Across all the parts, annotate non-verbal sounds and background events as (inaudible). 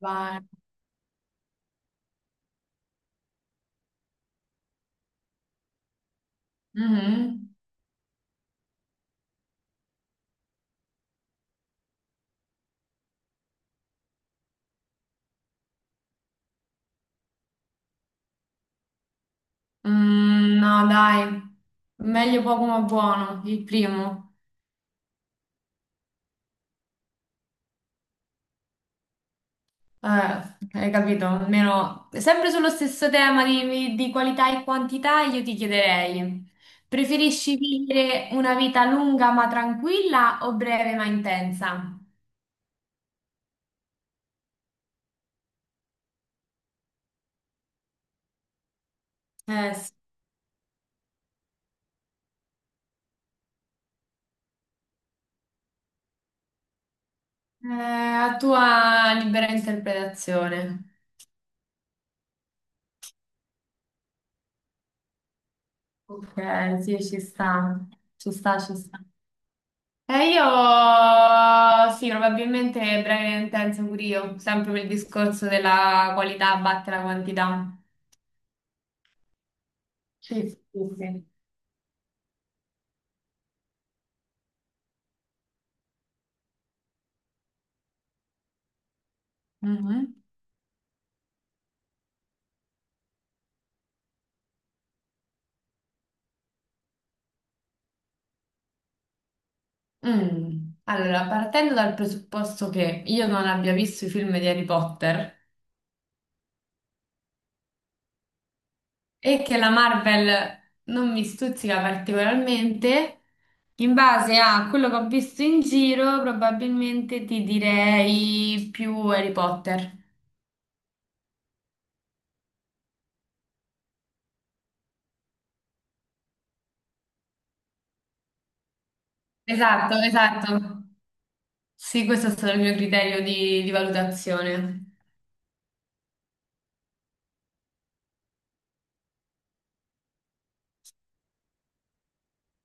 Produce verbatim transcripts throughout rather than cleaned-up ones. Vai. Mhm. Mm, no, dai, meglio poco ma buono, il primo. Eh, hai capito? Almeno sempre sullo stesso tema di, di qualità e quantità, io ti chiederei, preferisci vivere una vita lunga ma tranquilla o breve ma intensa? Eh, sì. Eh, a tua libera interpretazione. Ok, sì, ci sta, ci sta, ci sta. E io sì, probabilmente breve e intenso pure io, sempre per il discorso della qualità batte la quantità. Sì, sì, sì. Mhm. Mm. Allora, partendo dal presupposto che io non abbia visto i film di Harry Potter e che la Marvel non mi stuzzica particolarmente, in base a quello che ho visto in giro, probabilmente ti direi più Harry Potter. Esatto, esatto. Sì, questo è stato il mio criterio di, di valutazione.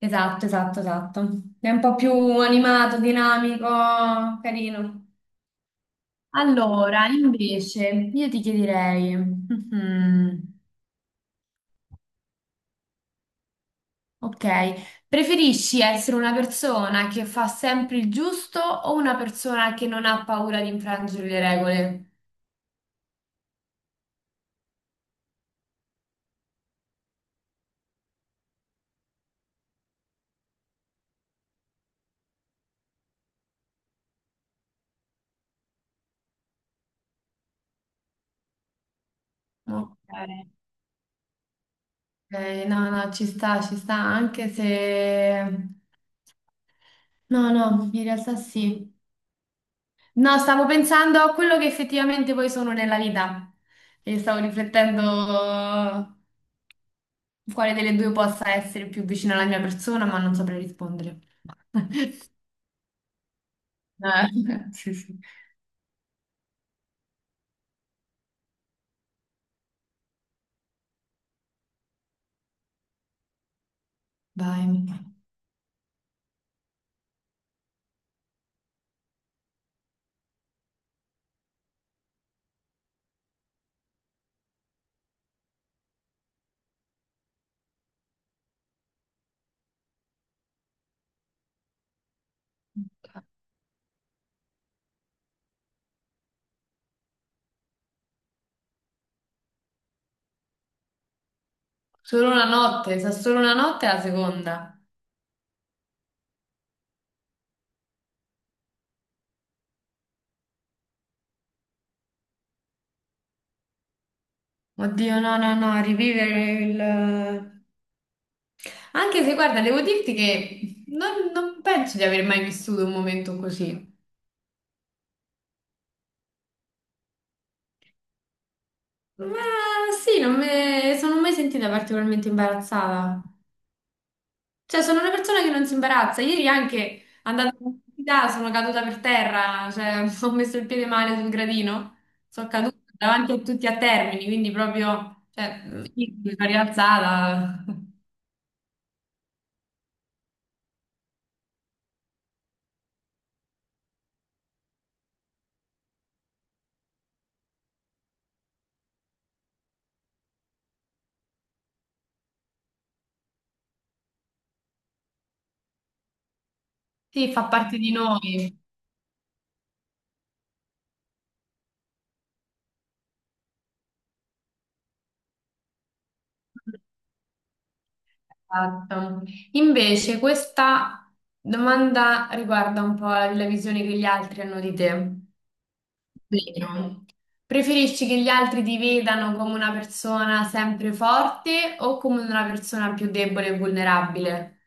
Esatto, esatto, esatto. È un po' più animato, dinamico, carino. Allora, invece, io ti chiederei, mhm, ok, preferisci essere una persona che fa sempre il giusto o una persona che non ha paura di infrangere le regole? Ok, ok, no, no, ci sta, ci sta, anche se... No, no, in realtà sì. No, stavo pensando a quello che effettivamente poi sono nella vita e stavo riflettendo quale delle due possa essere più vicina alla mia persona, ma non saprei rispondere. (laughs) Eh, sì, sì. Vai. Solo una notte, sa solo una notte è la seconda. Oddio, no, no, no, rivivere il... Anche se, guarda, devo dirti che non, non penso di aver mai vissuto un momento così. Ma sì, non me- sono mai sentita particolarmente imbarazzata. Cioè, sono una persona che non si imbarazza. Ieri anche andando all'università sono caduta per terra, cioè (laughs) ho messo il piede male sul gradino, sono caduta davanti a tutti a Termini, quindi proprio, cioè, sì, mi sono rialzata. (laughs) Sì, fa parte di noi. Esatto. Invece, questa domanda riguarda un po' la la visione che gli altri hanno di te. Vero. Preferisci che gli altri ti vedano come una persona sempre forte o come una persona più debole e vulnerabile?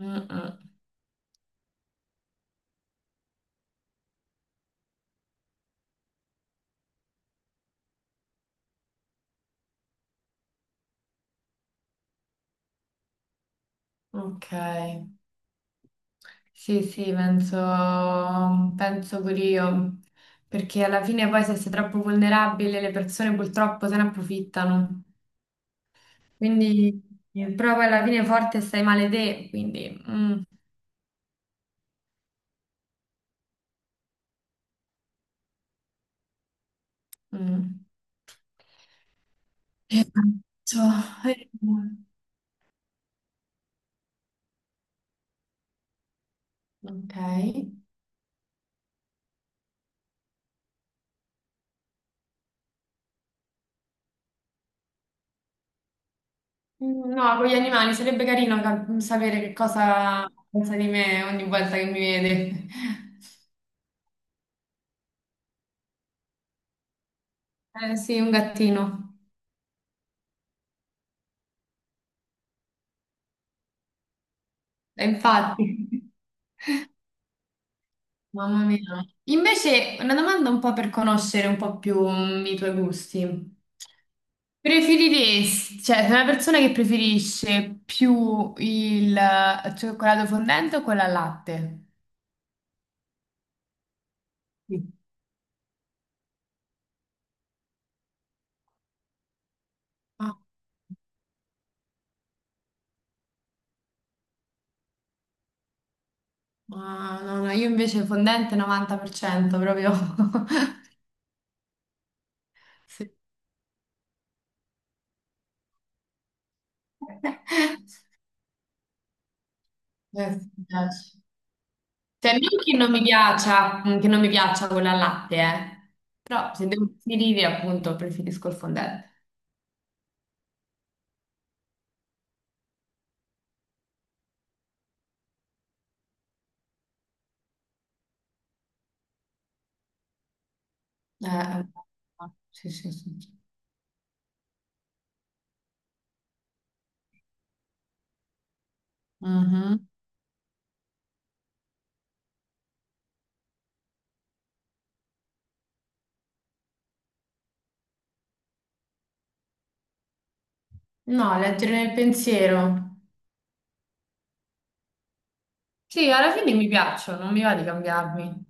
Mm-mm. Ok. Sì, sì, penso, penso pure io. Perché alla fine poi se sei troppo vulnerabile le persone purtroppo se ne approfittano. Quindi, però poi alla fine forte stai male te, quindi... mm, mm. E penso- eh, Ok. Mm, No, con gli animali sarebbe carino cap- sapere che cosa pensa di me ogni volta che mi vede. (laughs) Eh, sì, un gattino. Eh, infatti. (laughs) Mamma mia. Invece, una domanda un po' per conoscere un po' più mm, i tuoi gusti. Preferiresti, cioè, sei una persona che preferisce più il eh, cioccolato fondente o quella al latte? Sì. Ah, ah, no, no, io invece fondente novanta per cento proprio. (laughs) Sì. (laughs) Eh, sì, mi piace. Cioè, non che non mi piaccia, che non mi piaccia quella al latte, eh. Però se devo preferire, appunto, preferisco il fondente. Eh, sì, sì, sì. Mhm. No, leggere nel pensiero. Sì, alla fine mi piacciono, non mi va di cambiarmi.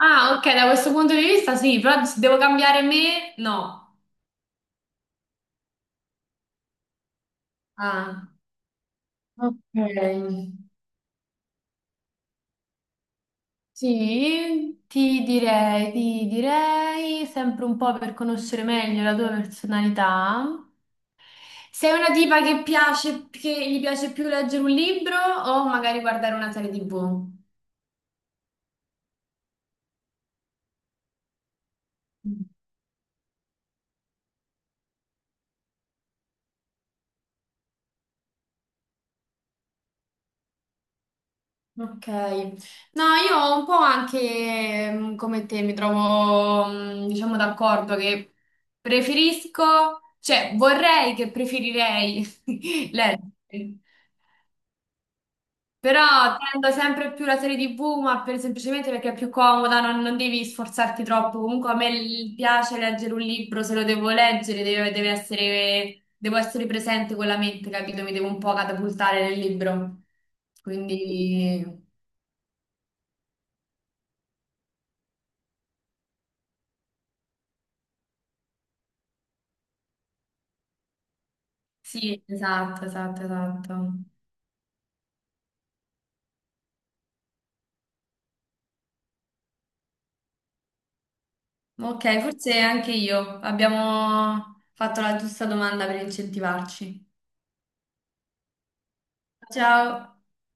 Ah, ok, da questo punto di vista sì, però se devo cambiare me, no. Ah, ok. Sì, ti direi, ti direi sempre un po' per conoscere meglio la tua personalità. Sei una tipa che piace, che gli piace più leggere un libro o magari guardare una serie ti vu? Mm, Ok, no, io un po' anche mm, come te mi trovo, mm, diciamo, d'accordo che preferisco, cioè vorrei che preferirei (laughs) leggere. Però tendo sempre più la serie ti vu, ma per- semplicemente perché è più comoda, non, non devi sforzarti troppo. Comunque a me l- piace leggere un libro, se lo devo leggere, deve, deve essere, devo essere presente con la mente, capito? Mi devo un po' catapultare nel libro. Quindi sì, esatto, esatto, esatto. Ok, forse anche io abbiamo fatto la giusta domanda per incentivarci. Ciao.